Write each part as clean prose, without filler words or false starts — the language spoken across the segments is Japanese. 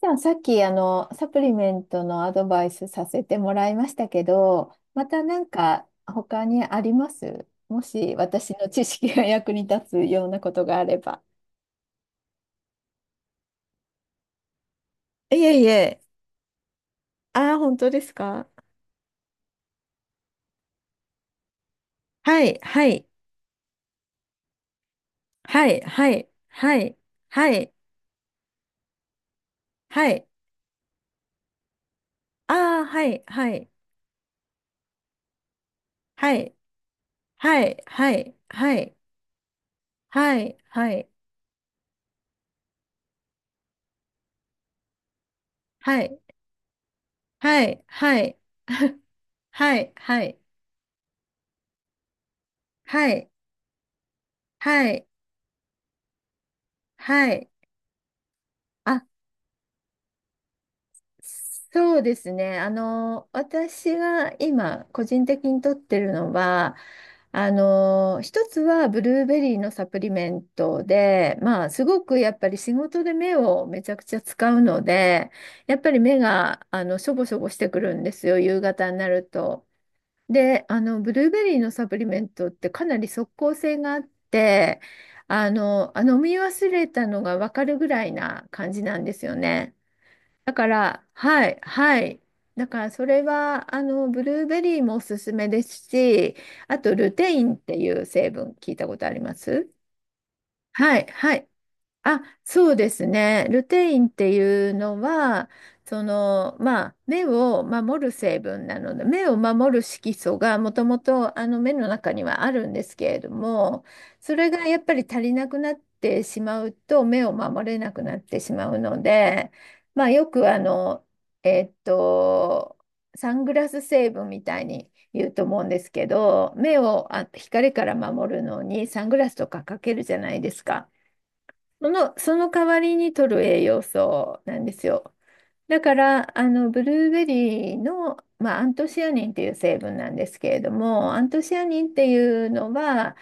じゃあさっきサプリメントのアドバイスさせてもらいましたけど、またなんか他にあります？もし私の知識が役に立つようなことがあれば。いやいや、あ、本当ですか。はいはいはいはいはいはいはい、あ、はいはいはいはいはいはいはいはいはいはいはいはいはい、あ。そうですね。私が今、個人的に取ってるのは、一つはブルーベリーのサプリメントで、まあ、すごくやっぱり仕事で目をめちゃくちゃ使うので、やっぱり目が、しょぼしょぼしてくるんですよ、夕方になると。で、ブルーベリーのサプリメントってかなり即効性があって、飲み忘れたのがわかるぐらいな感じなんですよね。だから、はい、はい。だから、それは、ブルーベリーもおすすめですし、あと、ルテインっていう成分、聞いたことあります？はい、はい。あ、そうですね。ルテインっていうのは、その、まあ、目を守る成分なので、目を守る色素がもともと目の中にはあるんですけれども、それがやっぱり足りなくなってしまうと、目を守れなくなってしまうので、まあ、よくあの、えっと、サングラス成分みたいに言うと思うんですけど、目を光から守るのにサングラスとかかけるじゃないですか。その、その代わりに取る栄養素なんですよ。だから、ブルーベリーの、まあ、アントシアニンっていう成分なんですけれども、アントシアニンっていうのは、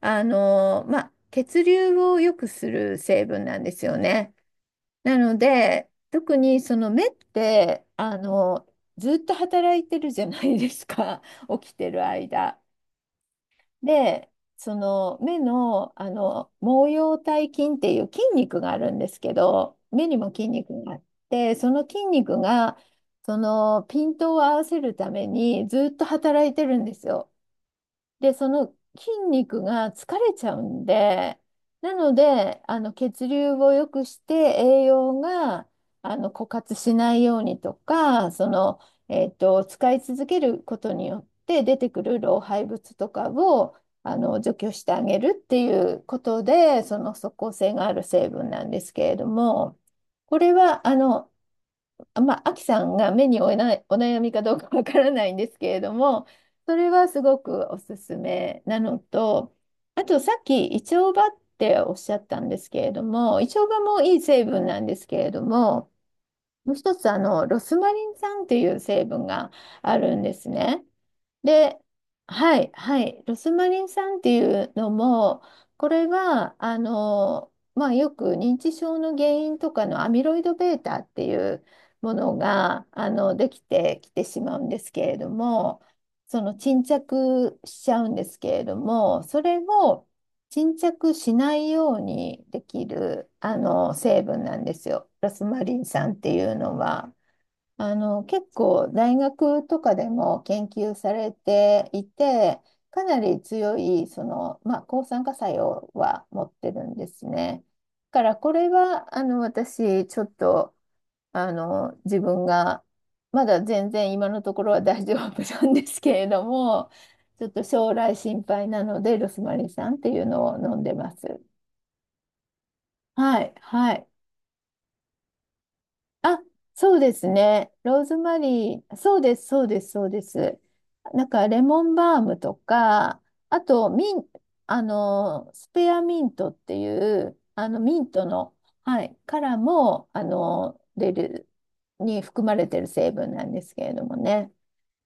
まあ、血流を良くする成分なんですよね。なので、特にその目って、ずっと働いてるじゃないですか、起きてる間。で、その目の、毛様体筋っていう筋肉があるんですけど、目にも筋肉があって、その筋肉がそのピントを合わせるためにずっと働いてるんですよ。で、その筋肉が疲れちゃうんで、なので、血流を良くして栄養が枯渇しないようにとか、その、使い続けることによって出てくる老廃物とかを除去してあげるっていうことで、その即効性がある成分なんですけれども、これはまあ、アキさんが目に負えないお悩みかどうかわからないんですけれども、それはすごくおすすめなのと、あとさっきイチョウバっておっしゃったんですけれども、イチョウバもいい成分なんですけれども、もう一つロスマリン酸っていう成分があるんですね。で、はい、はい、ロスマリン酸っていうのも、これは、まあ、よく認知症の原因とかのアミロイド β っていうものが、できてきてしまうんですけれども、その沈着しちゃうんですけれども、それを沈着しないようにできる、成分なんですよ、ロスマリン酸っていうのは。結構大学とかでも研究されていて、かなり強い、その、まあ、抗酸化作用は持ってるんですね。だから、これは、私、ちょっと、自分が、まだ全然今のところは大丈夫なんですけれども、ちょっと将来心配なので、ロスマリン酸っていうのを飲んでます。はい、はい。あ、そうですね。ローズマリー、そうです、そうです、そうです。なんか、レモンバームとか、あと、ミン、あの、スペアミントっていう、ミントの、はい、からも、出る、に含まれてる成分なんですけれどもね。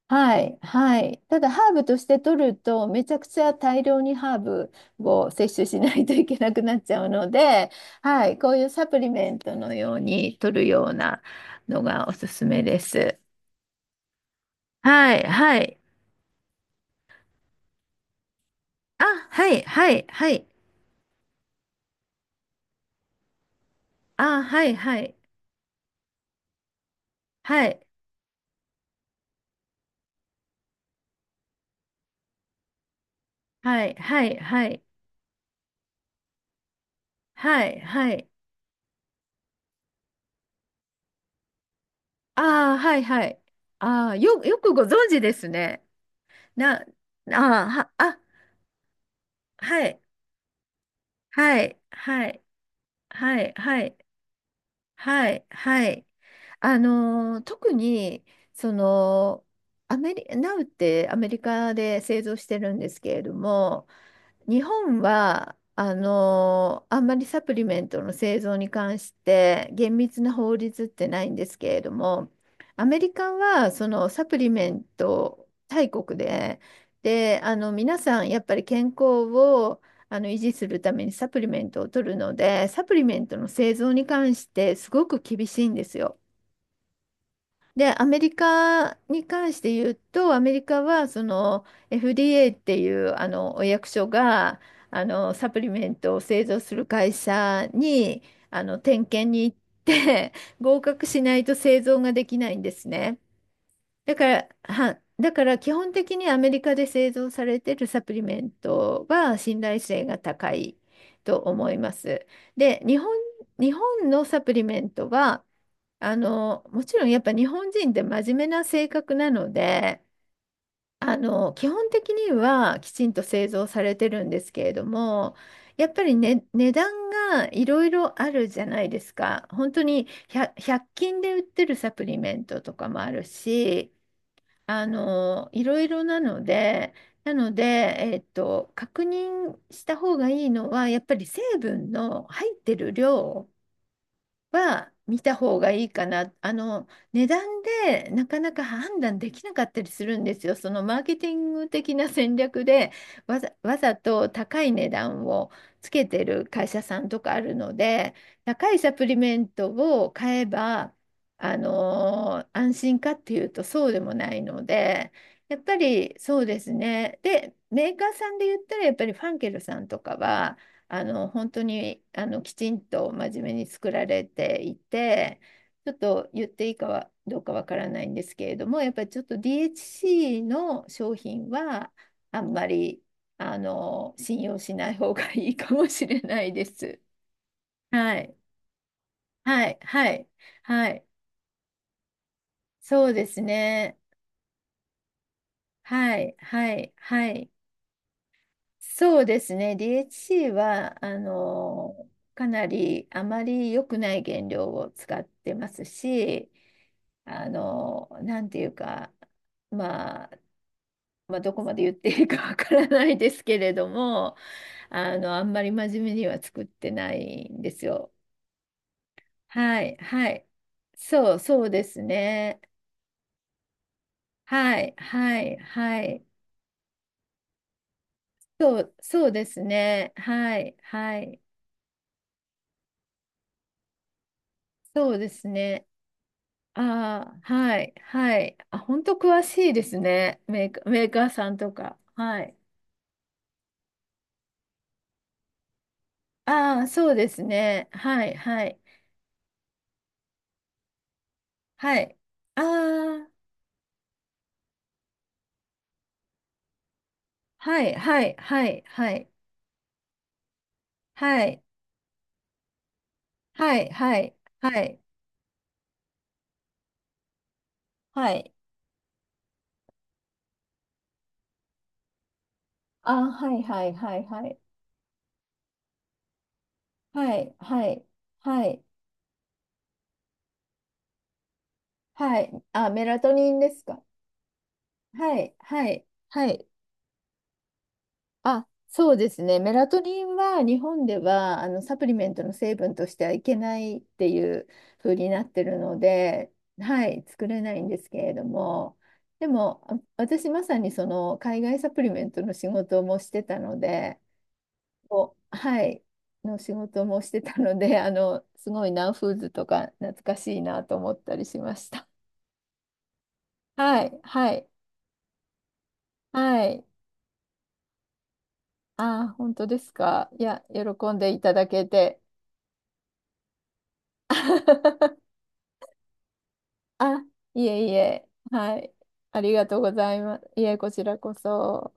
はい、はい。ただ、ハーブとして取ると、めちゃくちゃ大量にハーブを摂取しないといけなくなっちゃうので、はい、こういうサプリメントのように取るようなのがおすすめです。はい、はい。あ、はい、はい、はい。あ、はい、はい。はい、はい、はい、はい。はい、はい。あ、はい、はい。あ、よくご存知ですね。な、あ、は、あ、はい、はい、はい、はい、はい。はい、はい。あのー、特に、その、アメリ、ナウってアメリカで製造してるんですけれども、日本はあんまりサプリメントの製造に関して厳密な法律ってないんですけれども、アメリカはそのサプリメント大国で、で皆さんやっぱり健康を維持するためにサプリメントを取るのでサプリメントの製造に関してすごく厳しいんですよ。で、アメリカに関して言うと、アメリカはその FDA っていうお役所がサプリメントを製造する会社に点検に行って 合格しないと製造ができないんですね。だから基本的にアメリカで製造されているサプリメントは信頼性が高いと思います。で、日本のサプリメントはもちろんやっぱ日本人って真面目な性格なので、基本的にはきちんと製造されてるんですけれども、やっぱりね、値段がいろいろあるじゃないですか。本当に100均で売ってるサプリメントとかもあるし、いろいろなので、なので、えっと、確認した方がいいのは、やっぱり成分の入ってる量は見た方がいいかな。値段でなかなか判断できなかったりするんですよ。そのマーケティング的な戦略でわざと高い値段をつけてる会社さんとかあるので、高いサプリメントを買えば、安心かっていうとそうでもないので、やっぱりそうですね。で、メーカーさんで言ったらやっぱりファンケルさんとかは、本当にきちんと真面目に作られていて、ちょっと言っていいかはどうかわからないんですけれども、やっぱりちょっと DHC の商品はあんまり信用しない方がいいかもしれないです。はい、はい、はい、はい、そうですね。はい、はい、はい。そうですね。DHC は、かなりあまり良くない原料を使ってますし、あの、なんていうか、まあ、まあ、どこまで言っていいかわからないですけれども、あんまり真面目には作ってないんですよ。はい、はい。そう、そうですね。はい、はい、はい。そう、そうですね。はい、はい。そうですね。ああ、はい、はい。あ、本当詳しいですね。メーカーさんとか。はい。ああ、そうですね。はい、はい、はい。ああ、はい、はい、はい、はい、はい、はい、はい、はい、はい。ああ、はい、はい、はい、はい、はい、はい、はい、はい。あ、メラトニンですか。はい、はい、はい。あ、そうですね。メラトニンは日本ではサプリメントの成分としてはいけないっていう風になってるので、はい、作れないんですけれども、でも私まさにその海外サプリメントの仕事もしてたので、こう、はい、の仕事もしてたので、すごいナウフーズとか懐かしいなと思ったりしました。はい、はい、はい。あー、本当ですか。いや、喜んでいただけて。あ、いえいえ、はい。ありがとうございます。いえ、こちらこそ。